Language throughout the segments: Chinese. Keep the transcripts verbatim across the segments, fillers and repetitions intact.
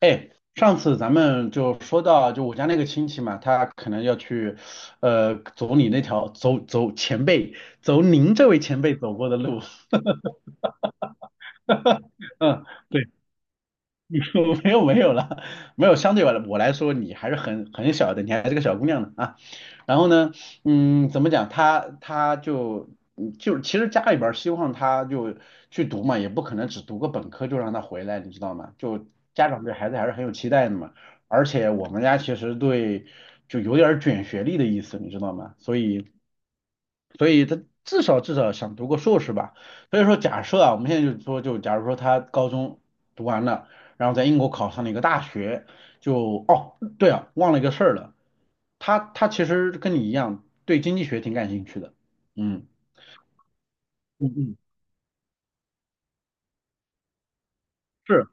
哎，上次咱们就说到，就我家那个亲戚嘛，他可能要去，呃，走你那条，走走前辈，走您这位前辈走过的路。嗯，对。没有没有了，没有。相对我来我来说，你还是很很小的，你还是个小姑娘呢啊。然后呢，嗯，怎么讲？她她就嗯就其实家里边儿希望她就去读嘛，也不可能只读个本科就让她回来，你知道吗？就家长对孩子还是很有期待的嘛。而且我们家其实对就有点儿卷学历的意思，你知道吗？所以。所以他至少至少想读个硕士吧。所以说，假设啊，我们现在就说，就假如说他高中读完了，然后在英国考上了一个大学，就哦，对啊，忘了一个事儿了，他他其实跟你一样对经济学挺感兴趣的，嗯嗯嗯，是，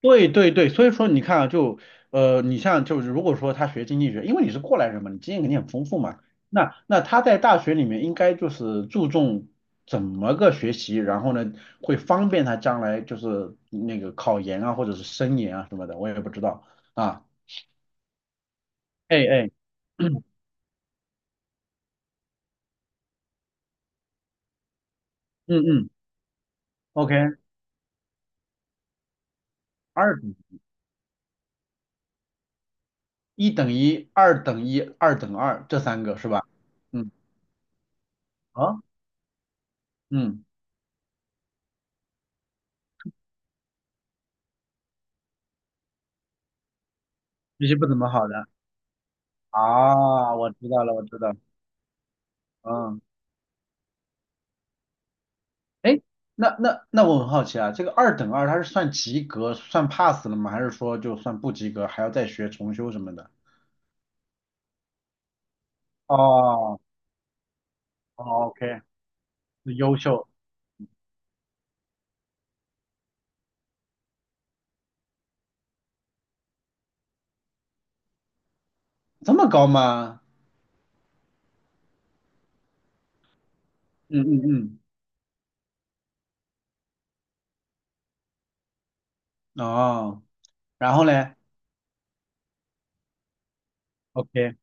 对对对，所以说你看啊，就呃，你像就是如果说他学经济学，因为你是过来人嘛，你经验肯定很丰富嘛，那那他在大学里面应该就是注重怎么个学习，然后呢会方便他将来就是那个考研啊或者是升研啊什么的，我也不知道啊，哎哎，嗯嗯嗯，OK。二等一等一、二等一、二等二这三个是吧？嗯，啊，嗯，这些不怎么好的啊，我知道了，我知道了，嗯，哎，那那那我很好奇啊，这个二等二它是算及格、算 pass 了吗？还是说就算不及格还要再学重修什么的？哦哦，OK，优秀，这么高吗？嗯嗯嗯，哦，然后嘞？OK，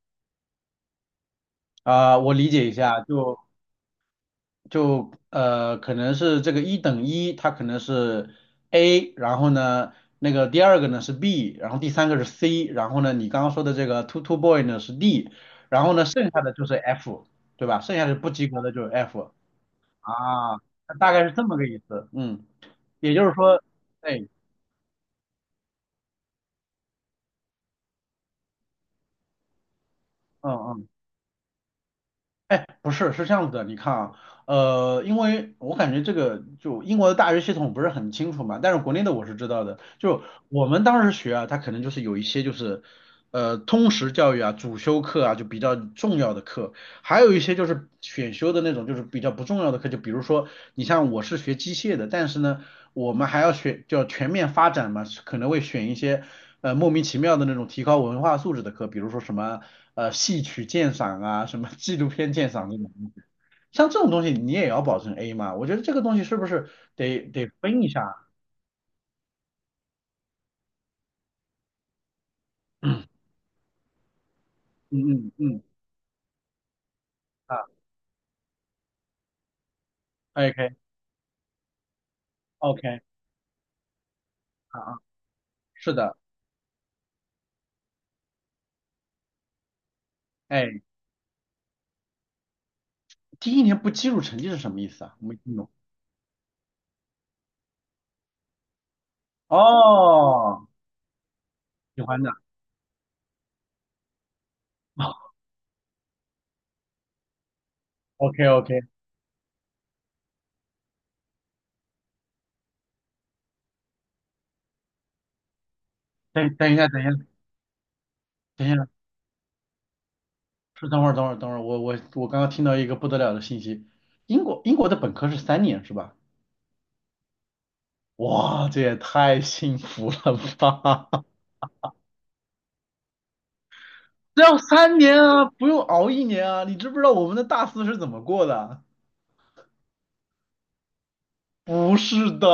啊、我理解一下，就就呃，可能是这个一等一，它可能是 A，然后呢，那个第二个呢是 B，然后第三个是 C，然后呢，你刚刚说的这个 two two boy 呢是 D，然后呢，剩下的就是 F，对吧？剩下的不及格的就是 F 啊，大概是这么个意思，嗯，也就是说，哎，嗯嗯。哎，不是，是这样子的，你看啊，呃，因为我感觉这个就英国的大学系统不是很清楚嘛，但是国内的我是知道的。就我们当时学啊，它可能就是有一些就是，呃，通识教育啊、主修课啊，就比较重要的课。还有一些就是选修的那种，就是比较不重要的课，就比如说你像我是学机械的，但是呢，我们还要选叫全面发展嘛，可能会选一些呃莫名其妙的那种提高文化素质的课，比如说什么呃戏曲鉴赏啊，什么纪录片鉴赏这种东西像这种东西你也要保证 A 嘛？我觉得这个东西是不是得得分一下？嗯嗯嗯啊，OK OK 啊啊，是的，哎，第一年不计入成绩是什么意思啊？我没听懂。哦，喜欢的。OK OK，等等一下，等一下，等一下，是等会儿，等会儿，等会儿，我我我刚刚听到一个不得了的信息，英国英国的本科是三年是吧？哇，这也太幸福了吧！只要三年啊，不用熬一年啊，你知不知道我们的大四是怎么过的啊？不是的，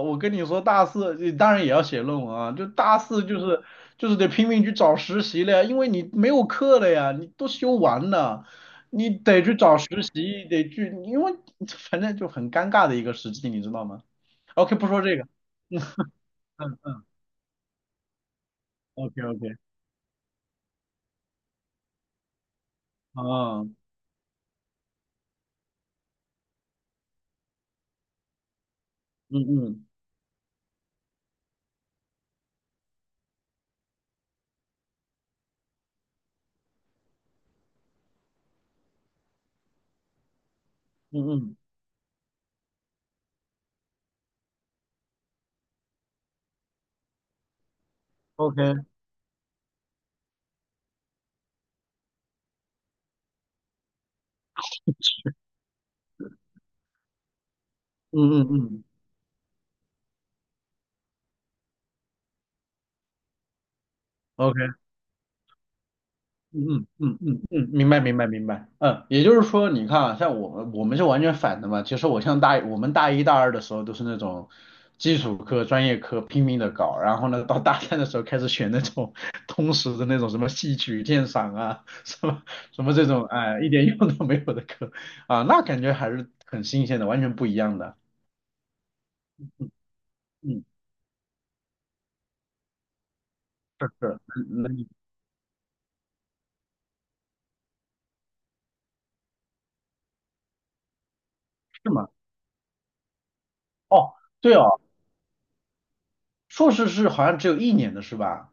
我跟你说，大四呃当然也要写论文啊，就大四就是就是得拼命去找实习了呀，因为你没有课了呀，你都修完了，你得去找实习，得去，因为反正就很尴尬的一个时期，你知道吗？OK，不说这个，嗯，OK OK，啊，嗯嗯嗯嗯嗯，OK，嗯嗯嗯，OK。嗯嗯嗯嗯，嗯，嗯明白明白明白，嗯，也就是说，你看啊，像我们我们是完全反的嘛。其实我像大我们大一大二的时候都是那种基础课、专业课拼命的搞，然后呢，到大三的时候开始选那种 通识的那种什么戏曲鉴赏啊，什么什么这种，哎，一点用都没有的课啊，那感觉还是很新鲜的，完全不一样的。嗯，是，那那你是吗？哦，对哦，硕士是好像只有一年的是吧？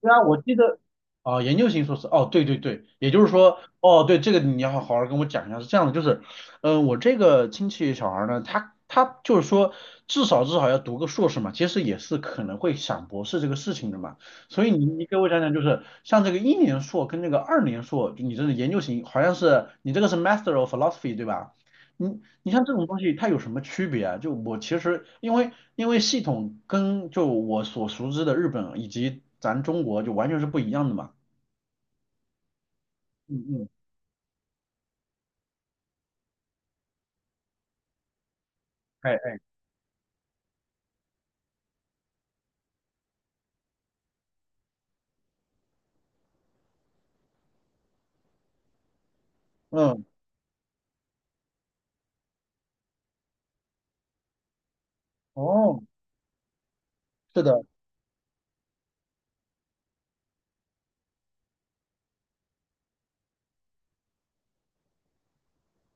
对啊，我记得啊、研究型硕士，哦，对对对，也就是说，哦，对，这个你要好好跟我讲一下，是这样的，就是，嗯、我这个亲戚小孩儿呢，他他就是说，至少至少要读个硕士嘛，其实也是可能会想博士这个事情的嘛，所以你你给我讲讲，就是像这个一年硕跟那个二年硕，就你这个研究型，好像是你这个是 Master of Philosophy 对吧？你你像这种东西，它有什么区别啊？就我其实因为因为系统跟就我所熟知的日本以及咱中国就完全是不一样的嘛。嗯嗯，哎哎，嗯，哦，是的，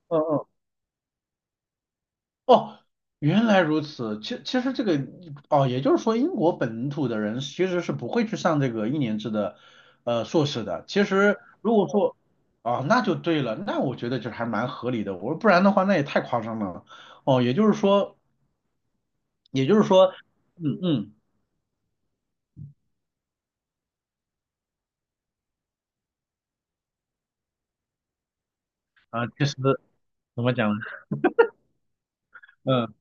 嗯嗯，哦，原来如此。其其实这个哦，也就是说，英国本土的人其实是不会去上这个一年制的呃硕士的。其实如果说啊、那就对了，那我觉得就还蛮合理的。我说不然的话，那也太夸张了。哦，也就是说。也就是说，嗯嗯啊，其实怎么讲呢？嗯。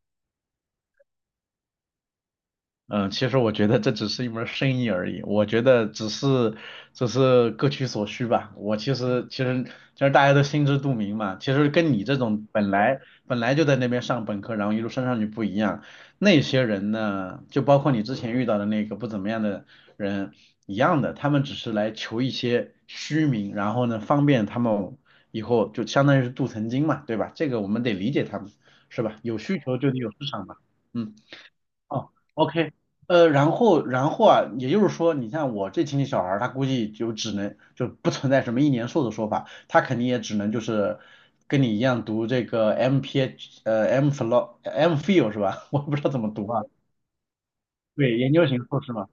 嗯，其实我觉得这只是一门儿生意而已，我觉得只是只是各取所需吧。我其实其实其实大家都心知肚明嘛。其实跟你这种本来本来就在那边上本科，然后一路升上去不一样，那些人呢，就包括你之前遇到的那个不怎么样的人一样的，他们只是来求一些虚名，然后呢方便他们以后就相当于是镀层金嘛，对吧？这个我们得理解他们，是吧？有需求就得有市场嘛。嗯。哦，OK，呃，然后然后啊，也就是说，你像我这亲戚小孩儿，他估计就只能就不存在什么一年硕的说法，他肯定也只能就是跟你一样读这个 M P H 呃 M f h i l o M phil 是吧？我不知道怎么读啊，对，研究型硕士嘛。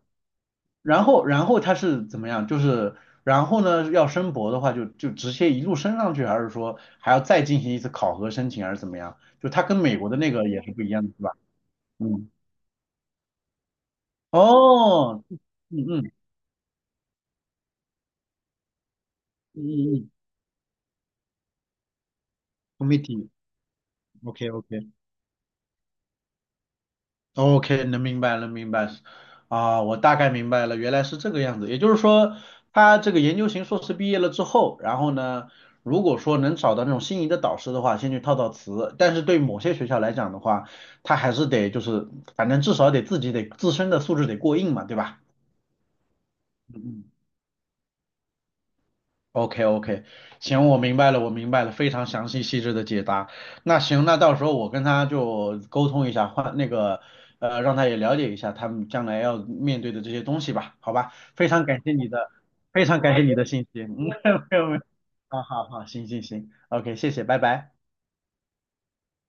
然后然后他是怎么样？就是然后呢，要升博的话就就直接一路升上去，还是说还要再进行一次考核申请，还是怎么样？就他跟美国的那个也是不一样的，是吧？嗯，哦，嗯嗯嗯嗯嗯，committee，OK，OK，OK，能明白能明白啊，我大概明白了，原来是这个样子。也就是说，他这个研究型硕士毕业了之后，然后呢，如果说能找到那种心仪的导师的话，先去套套词。但是对某些学校来讲的话，他还是得就是，反正至少得自己得自身的素质得过硬嘛，对吧？嗯嗯。OK OK，行，我明白了，我明白了，非常详细细致的解答。那行，那到时候我跟他就沟通一下，换那个呃，让他也了解一下他们将来要面对的这些东西吧，好吧？非常感谢你的，非常感谢你的信息。嗯，没有没有，好好好，行行行，OK，谢谢，拜拜。